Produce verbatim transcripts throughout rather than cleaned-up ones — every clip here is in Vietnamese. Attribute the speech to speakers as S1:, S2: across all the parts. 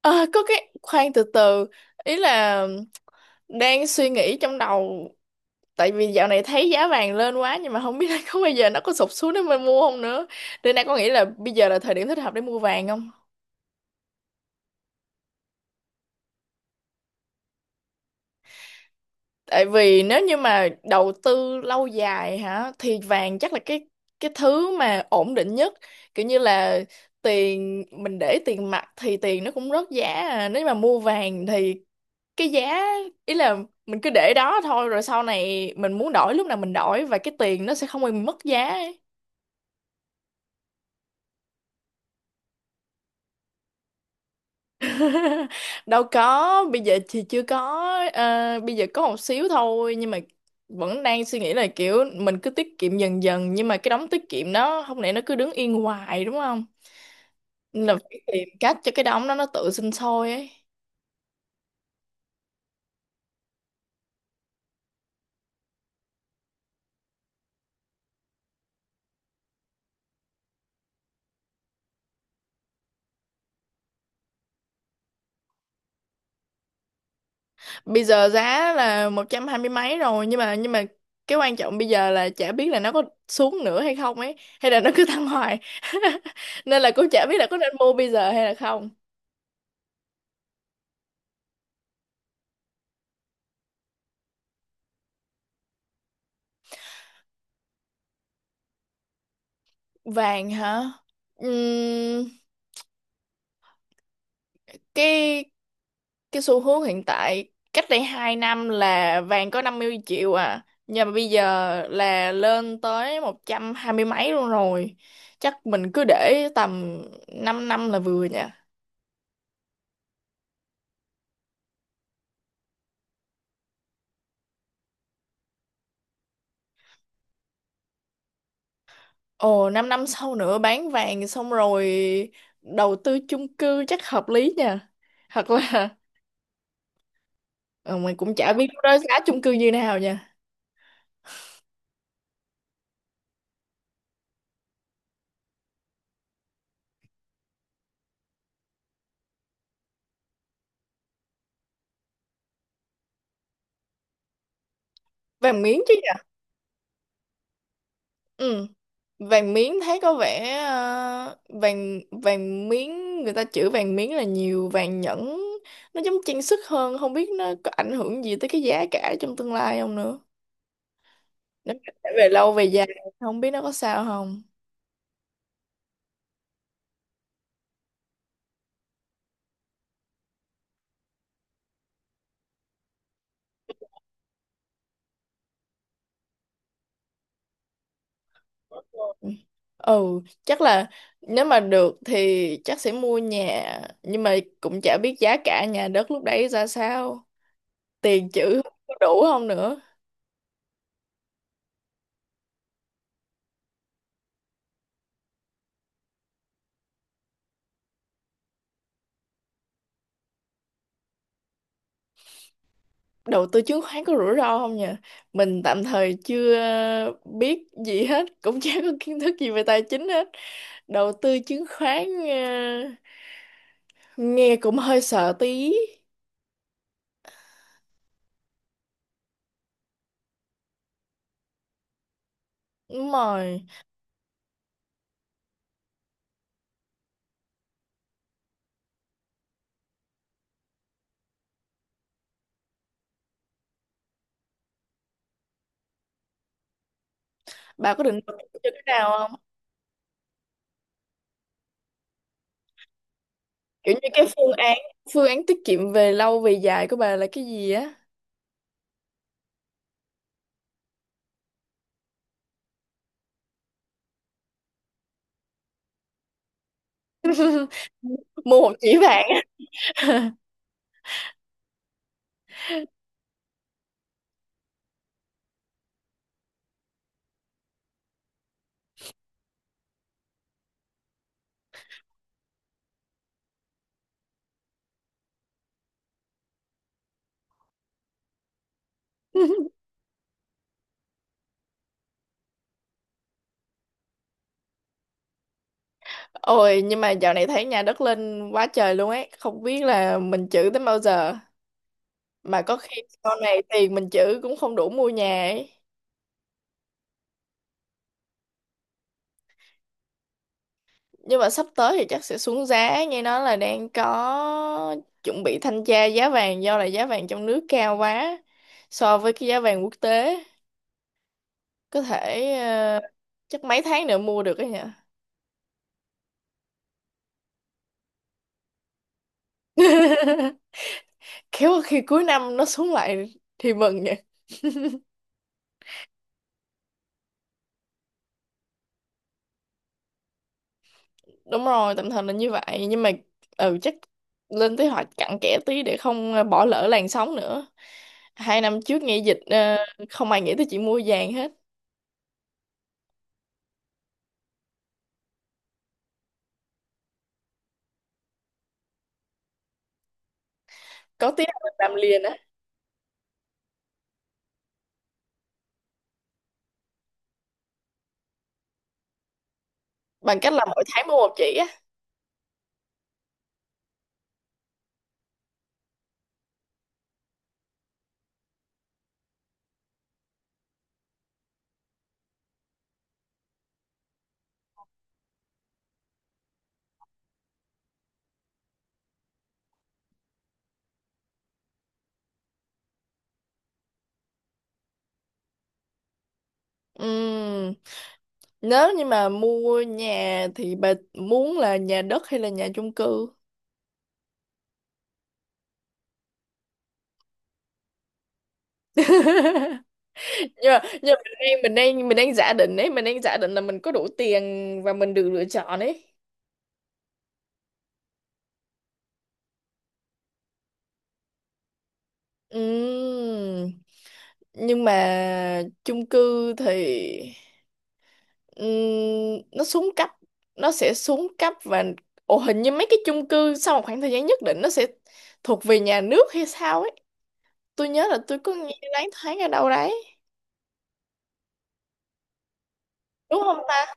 S1: Ờ, có cái khoan từ từ, ý là đang suy nghĩ trong đầu. Tại vì dạo này thấy giá vàng lên quá nhưng mà không biết là có bây giờ nó có sụp xuống để mình mua không nữa, nên đang có nghĩ là bây giờ là thời điểm thích hợp để mua vàng không. Tại vì nếu như mà đầu tư lâu dài hả thì vàng chắc là cái cái thứ mà ổn định nhất, kiểu như là tiền mình để tiền mặt thì tiền nó cũng rớt giá à. Nếu mà mua vàng thì cái giá, ý là mình cứ để đó thôi, rồi sau này mình muốn đổi lúc nào mình đổi và cái tiền nó sẽ không bị mất giá ấy. Đâu có, bây giờ thì chưa có. ờ, Bây giờ có một xíu thôi nhưng mà vẫn đang suy nghĩ là kiểu mình cứ tiết kiệm dần dần, nhưng mà cái đống tiết kiệm đó không lẽ nó cứ đứng yên hoài đúng không, nên là phải tìm cách cho cái đống đó nó tự sinh sôi ấy. Bây giờ giá là một trăm hai mươi mấy rồi, nhưng mà nhưng mà cái quan trọng bây giờ là chả biết là nó có xuống nữa hay không ấy, hay là nó cứ tăng hoài. Nên là cũng chả biết là có nên mua bây giờ hay là không. Vàng hả? Ừm, cái cái xu hướng hiện tại cách đây hai năm là vàng có năm mươi triệu à, nhưng mà bây giờ là lên tới một trăm hai mươi mấy luôn rồi. Chắc mình cứ để tầm 5 năm là vừa nhỉ. Ồ, 5 năm sau nữa bán vàng xong rồi đầu tư chung cư chắc hợp lý nha. Thật là ờ, mình cũng chả biết lúc đó giá chung cư như nào nha. Vàng miếng chứ nhỉ? Ừ, vàng miếng thấy có vẻ ờ, vàng vàng miếng người ta chữ vàng miếng là nhiều, vàng nhẫn nó giống trang sức hơn, không biết nó có ảnh hưởng gì tới cái giá cả trong tương lai không nữa. Nếu mà để về lâu về dài không biết nó có sao không. Ừ chắc là nếu mà được thì chắc sẽ mua nhà, nhưng mà cũng chả biết giá cả nhà đất lúc đấy ra sao, tiền chữ có đủ không nữa. Đầu tư chứng khoán có rủi ro không nhỉ? Mình tạm thời chưa biết gì hết, cũng chả có kiến thức gì về tài chính hết. Đầu tư chứng khoán ờ, nghe cũng hơi sợ tí. Đúng rồi. Bà có định đầu tư cho cái nào không, kiểu như cái phương án phương án tiết kiệm về lâu về dài của bà là cái gì á? Mua một chỉ vàng. Ôi nhưng mà dạo này thấy nhà đất lên quá trời luôn ấy, không biết là mình trữ tới bao giờ, mà có khi sau này tiền mình trữ cũng không đủ mua nhà ấy. Nhưng mà sắp tới thì chắc sẽ xuống giá, nghe nói là đang có chuẩn bị thanh tra giá vàng do là giá vàng trong nước cao quá so với cái giá vàng quốc tế. Có thể ờ, chắc mấy tháng nữa mua được ấy nhỉ. Khéo khi cuối năm nó xuống lại thì mừng. Đúng rồi, tạm thời là như vậy nhưng mà ừ chắc lên kế hoạch cặn kẽ tí để không ờ, bỏ lỡ làn sóng nữa. Hai năm trước nghe dịch ờ, không ai nghĩ tới chuyện mua vàng hết. Có tí nào mình làm liền á, bằng cách là mỗi tháng mua một chỉ á. Ừm, nếu như mà mua nhà thì bà muốn là nhà đất hay là nhà chung cư? nhưng mà, nhưng mà mình đang mình đang mình đang giả định ấy, mình đang giả định là mình có đủ tiền và mình được lựa chọn ấy. Ừm. Nhưng mà chung cư thì ừm, nó xuống cấp, nó sẽ xuống cấp và ồ hình như mấy cái chung cư sau một khoảng thời gian nhất định nó sẽ thuộc về nhà nước hay sao ấy, tôi nhớ là tôi có nghe loáng thoáng ở đâu đấy. Đúng không ta?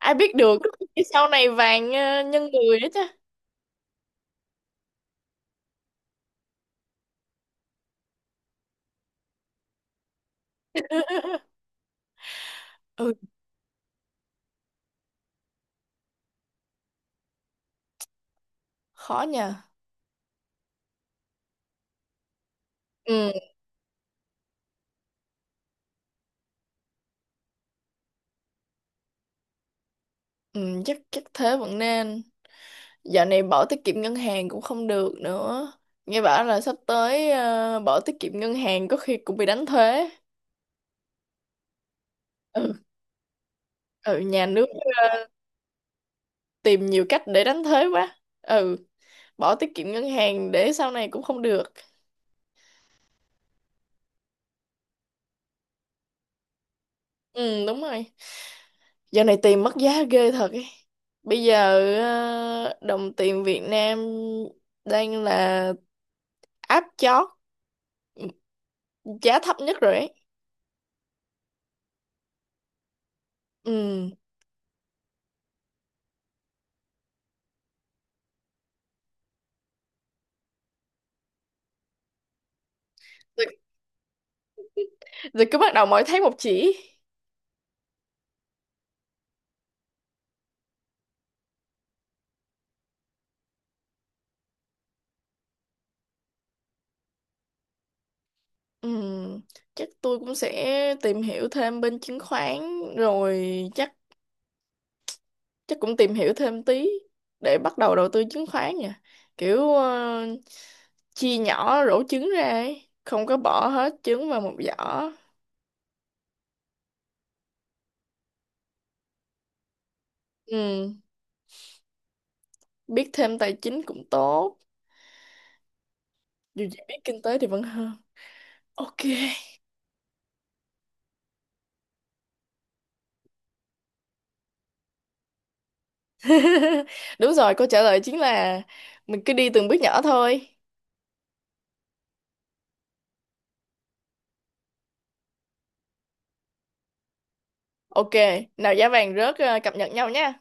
S1: Ai biết được, có khi sau này vàng ờ, nhân người đó chứ. Ừ khó nhờ. ừ, ừ chắc chắc thế vẫn nên. Dạo này bỏ tiết kiệm ngân hàng cũng không được nữa, nghe bảo là sắp tới ờ, bỏ tiết kiệm ngân hàng có khi cũng bị đánh thuế. Ừ. Ừ, nhà nước tìm nhiều cách để đánh thuế quá. Ừ. Bỏ tiết kiệm ngân hàng để sau này cũng không được. Ừ đúng rồi, giờ này tiền mất giá ghê thật ấy. Bây giờ ờ, đồng tiền Việt Nam đang là áp chót, giá thấp nhất rồi ấy. Ừ. Rồi, rồi cứ bắt đầu mỗi tháng một chỉ. Ừ chắc tôi cũng sẽ tìm hiểu thêm bên chứng khoán, rồi chắc chắc cũng tìm hiểu thêm tí để bắt đầu đầu tư chứng khoán nha, kiểu ờ, chia nhỏ rổ trứng ra ấy, không có bỏ hết trứng vào một giỏ. Ừ. Biết thêm tài chính cũng tốt, dù gì biết kinh tế thì vẫn hơn. OK. Đúng rồi, câu trả lời chính là mình cứ đi từng bước nhỏ thôi. OK, nào giá vàng rớt ờ, cập nhật nhau nha.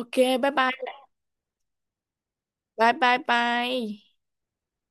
S1: OK, bye bye bye bye bye.